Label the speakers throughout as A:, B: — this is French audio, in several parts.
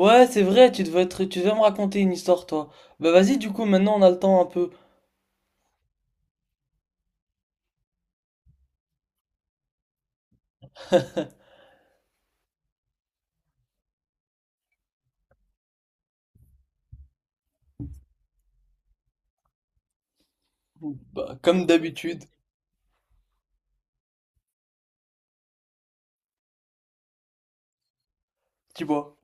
A: Ouais, c'est vrai, tu devais me raconter une histoire, toi. Bah vas-y, du coup, maintenant on a le temps un peu. Bah, comme d'habitude, tu vois.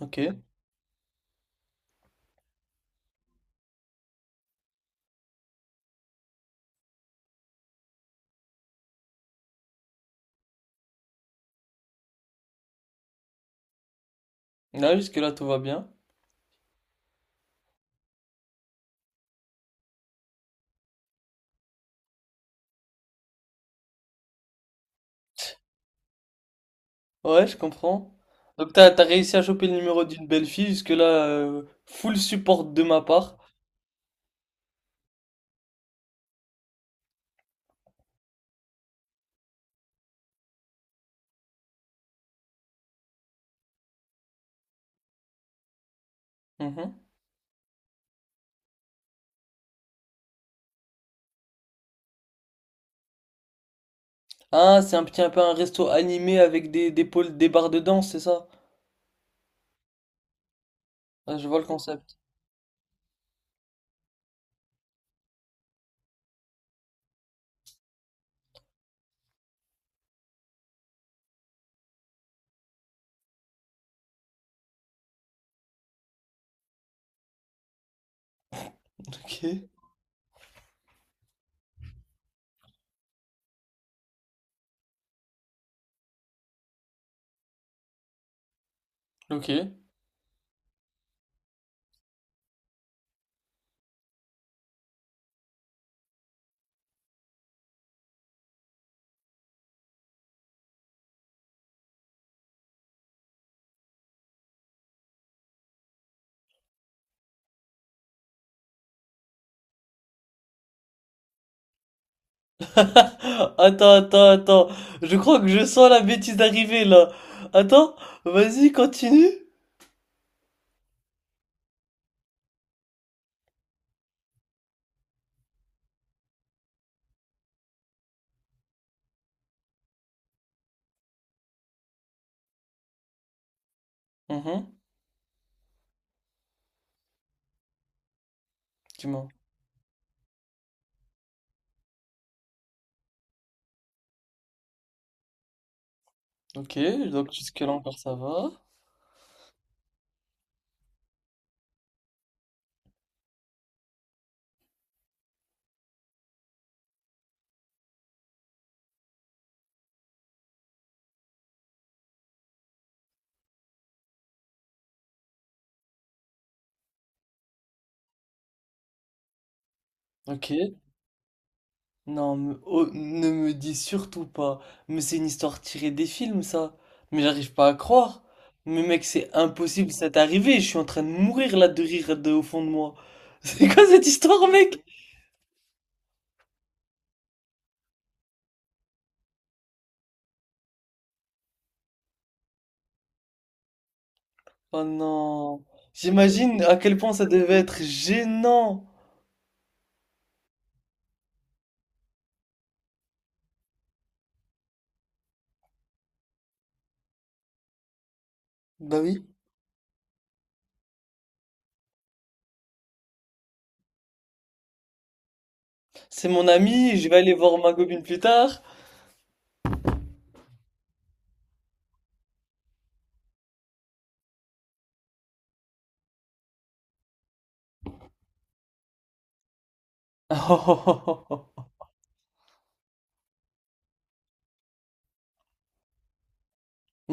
A: Ok. Là, jusque-là, tout va bien. Ouais, je comprends. Donc t'as réussi à choper le numéro d'une belle fille, jusque-là, full support de ma part. Mhm. Ah, c'est un petit un peu un resto animé avec des pôles, des barres de danse, c'est ça? Ah, je vois le concept. Ok. Ok. Attends, attends, attends. Je crois que je sens la bêtise arriver là. Attends, vas-y, continue. Mhm. Dis-moi. Ok, donc jusque-là encore ça va. Ok. Oh, ne me dis surtout pas. Mais c'est une histoire tirée des films, ça. Mais j'arrive pas à croire. Mais mec, c'est impossible, ça t'est arrivé. Je suis en train de mourir là de rire au fond de moi. C'est quoi cette histoire, mec? Oh non. J'imagine à quel point ça devait être gênant. Bah oui. C'est mon ami, je vais aller voir ma copine plus tard.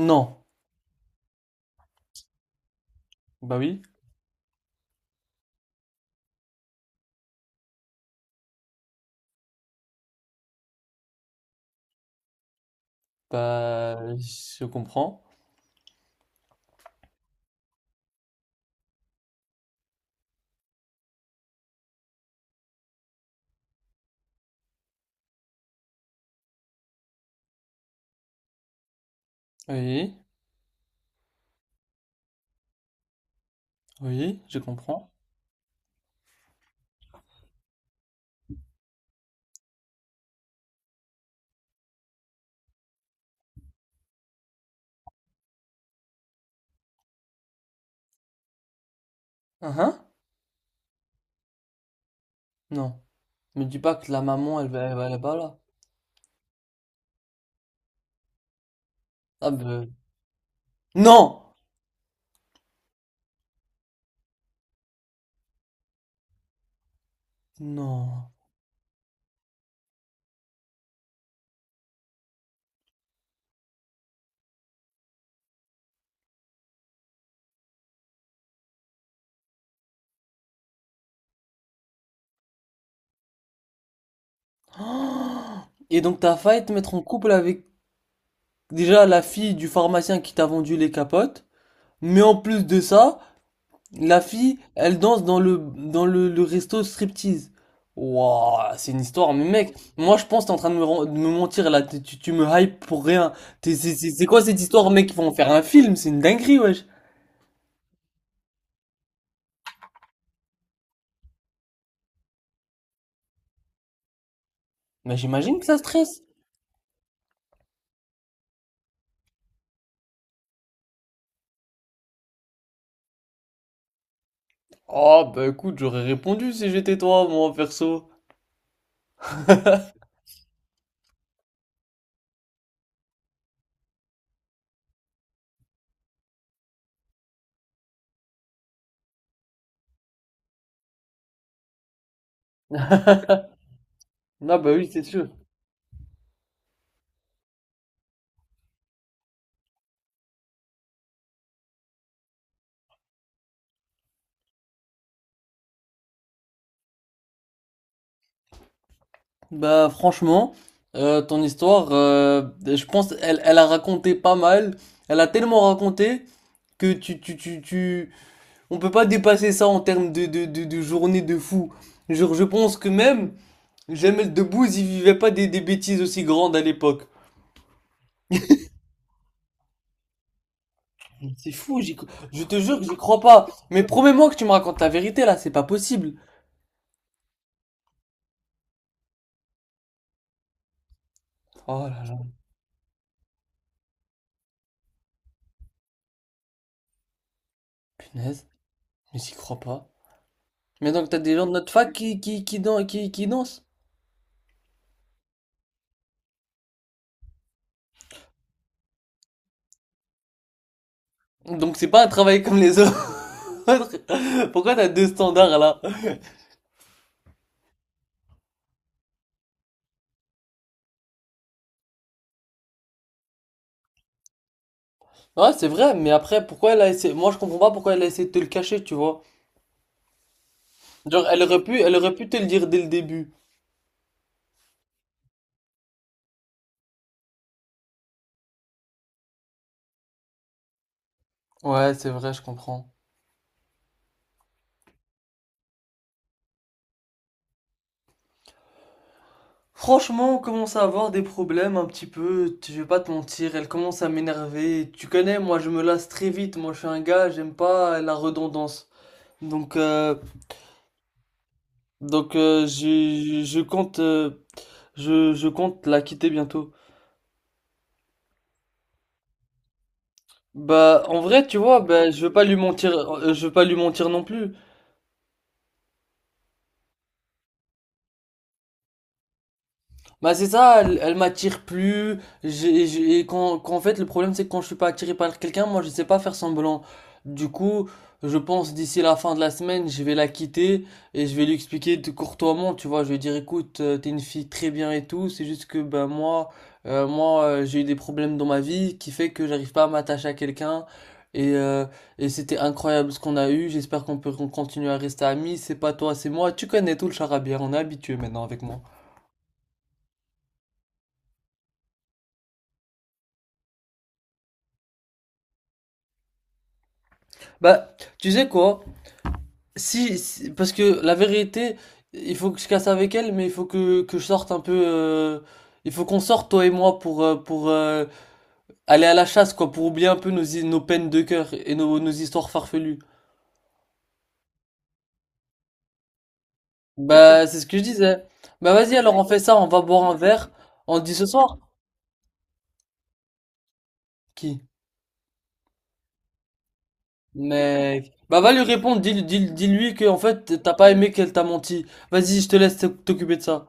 A: Non. Bah oui. Bah, je comprends. Oui, oui, je comprends. Ah hein. Non. Me dis pas que la maman, elle va là-bas, là. Ah ben... Non! Non. Et donc t'as failli te mettre en couple avec déjà la fille du pharmacien qui t'a vendu les capotes, mais en plus de ça, la fille, elle danse dans le resto striptease. Wouah, c'est une histoire, mais mec, moi je pense que t'es en train de me mentir là, tu me hype pour rien. C'est quoi cette histoire, mec? Ils vont en faire un film, c'est une dinguerie, wesh. Mais j'imagine que ça stresse. Oh, bah écoute, j'aurais répondu si j'étais toi, moi, perso. Ah bah oui, c'est sûr. Bah franchement, ton histoire, je pense, elle a raconté pas mal. Elle a tellement raconté que tu... On peut pas dépasser ça en termes de journée de fou. Genre, je pense que même Jamel Debbouze, il vivait pas des bêtises aussi grandes à l'époque. C'est fou, je te jure que j'y crois pas. Mais promets-moi que tu me racontes la vérité, là, c'est pas possible. Oh là là, punaise, mais j'y crois pas. Mais donc t'as des gens de notre fac qui qui dansent. Donc c'est pas un travail comme les autres. Pourquoi t'as deux standards là? Ouais, c'est vrai, mais après pourquoi elle a essayé moi je comprends pas pourquoi elle a essayé de te le cacher, tu vois. Genre elle aurait pu te le dire dès le début. Ouais, c'est vrai, je comprends. Franchement, on commence à avoir des problèmes un petit peu, je vais pas te mentir, elle commence à m'énerver. Tu connais, moi je me lasse très vite, moi je suis un gars, j'aime pas la redondance. Donc euh, donc euh, je je compte euh, je compte la quitter bientôt. Bah, en vrai, tu vois, bah, je veux pas lui mentir, je veux pas lui mentir non plus. Bah c'est ça, elle, elle m'attire plus. Qu'en fait, le problème c'est que quand je suis pas attiré par quelqu'un, moi je sais pas faire semblant. Du coup, je pense d'ici la fin de la semaine, je vais la quitter et je vais lui expliquer de courtoisement, tu vois. Je vais dire, écoute, t'es une fille très bien et tout. C'est juste que ben moi, j'ai eu des problèmes dans ma vie qui fait que j'arrive pas à m'attacher à quelqu'un. Et, euh, et c'était incroyable ce qu'on a eu. J'espère qu'on continue à rester amis. C'est pas toi, c'est moi. Tu connais tout le charabia, on est habitué maintenant avec moi. Bah, tu sais quoi? Parce que la vérité, il faut que je casse avec elle, mais il faut que je sorte un peu. Il faut qu'on sorte, toi et moi, pour aller à la chasse, quoi, pour oublier un peu nos peines de cœur et nos histoires farfelues. Bah, c'est ce que je disais. Bah, vas-y, alors on fait ça, on va boire un verre. On dit ce soir? Qui? Mec. Bah, va lui répondre, dis-lui que, en fait, t'as pas aimé qu'elle t'a menti. Vas-y, je te laisse t'occuper de ça.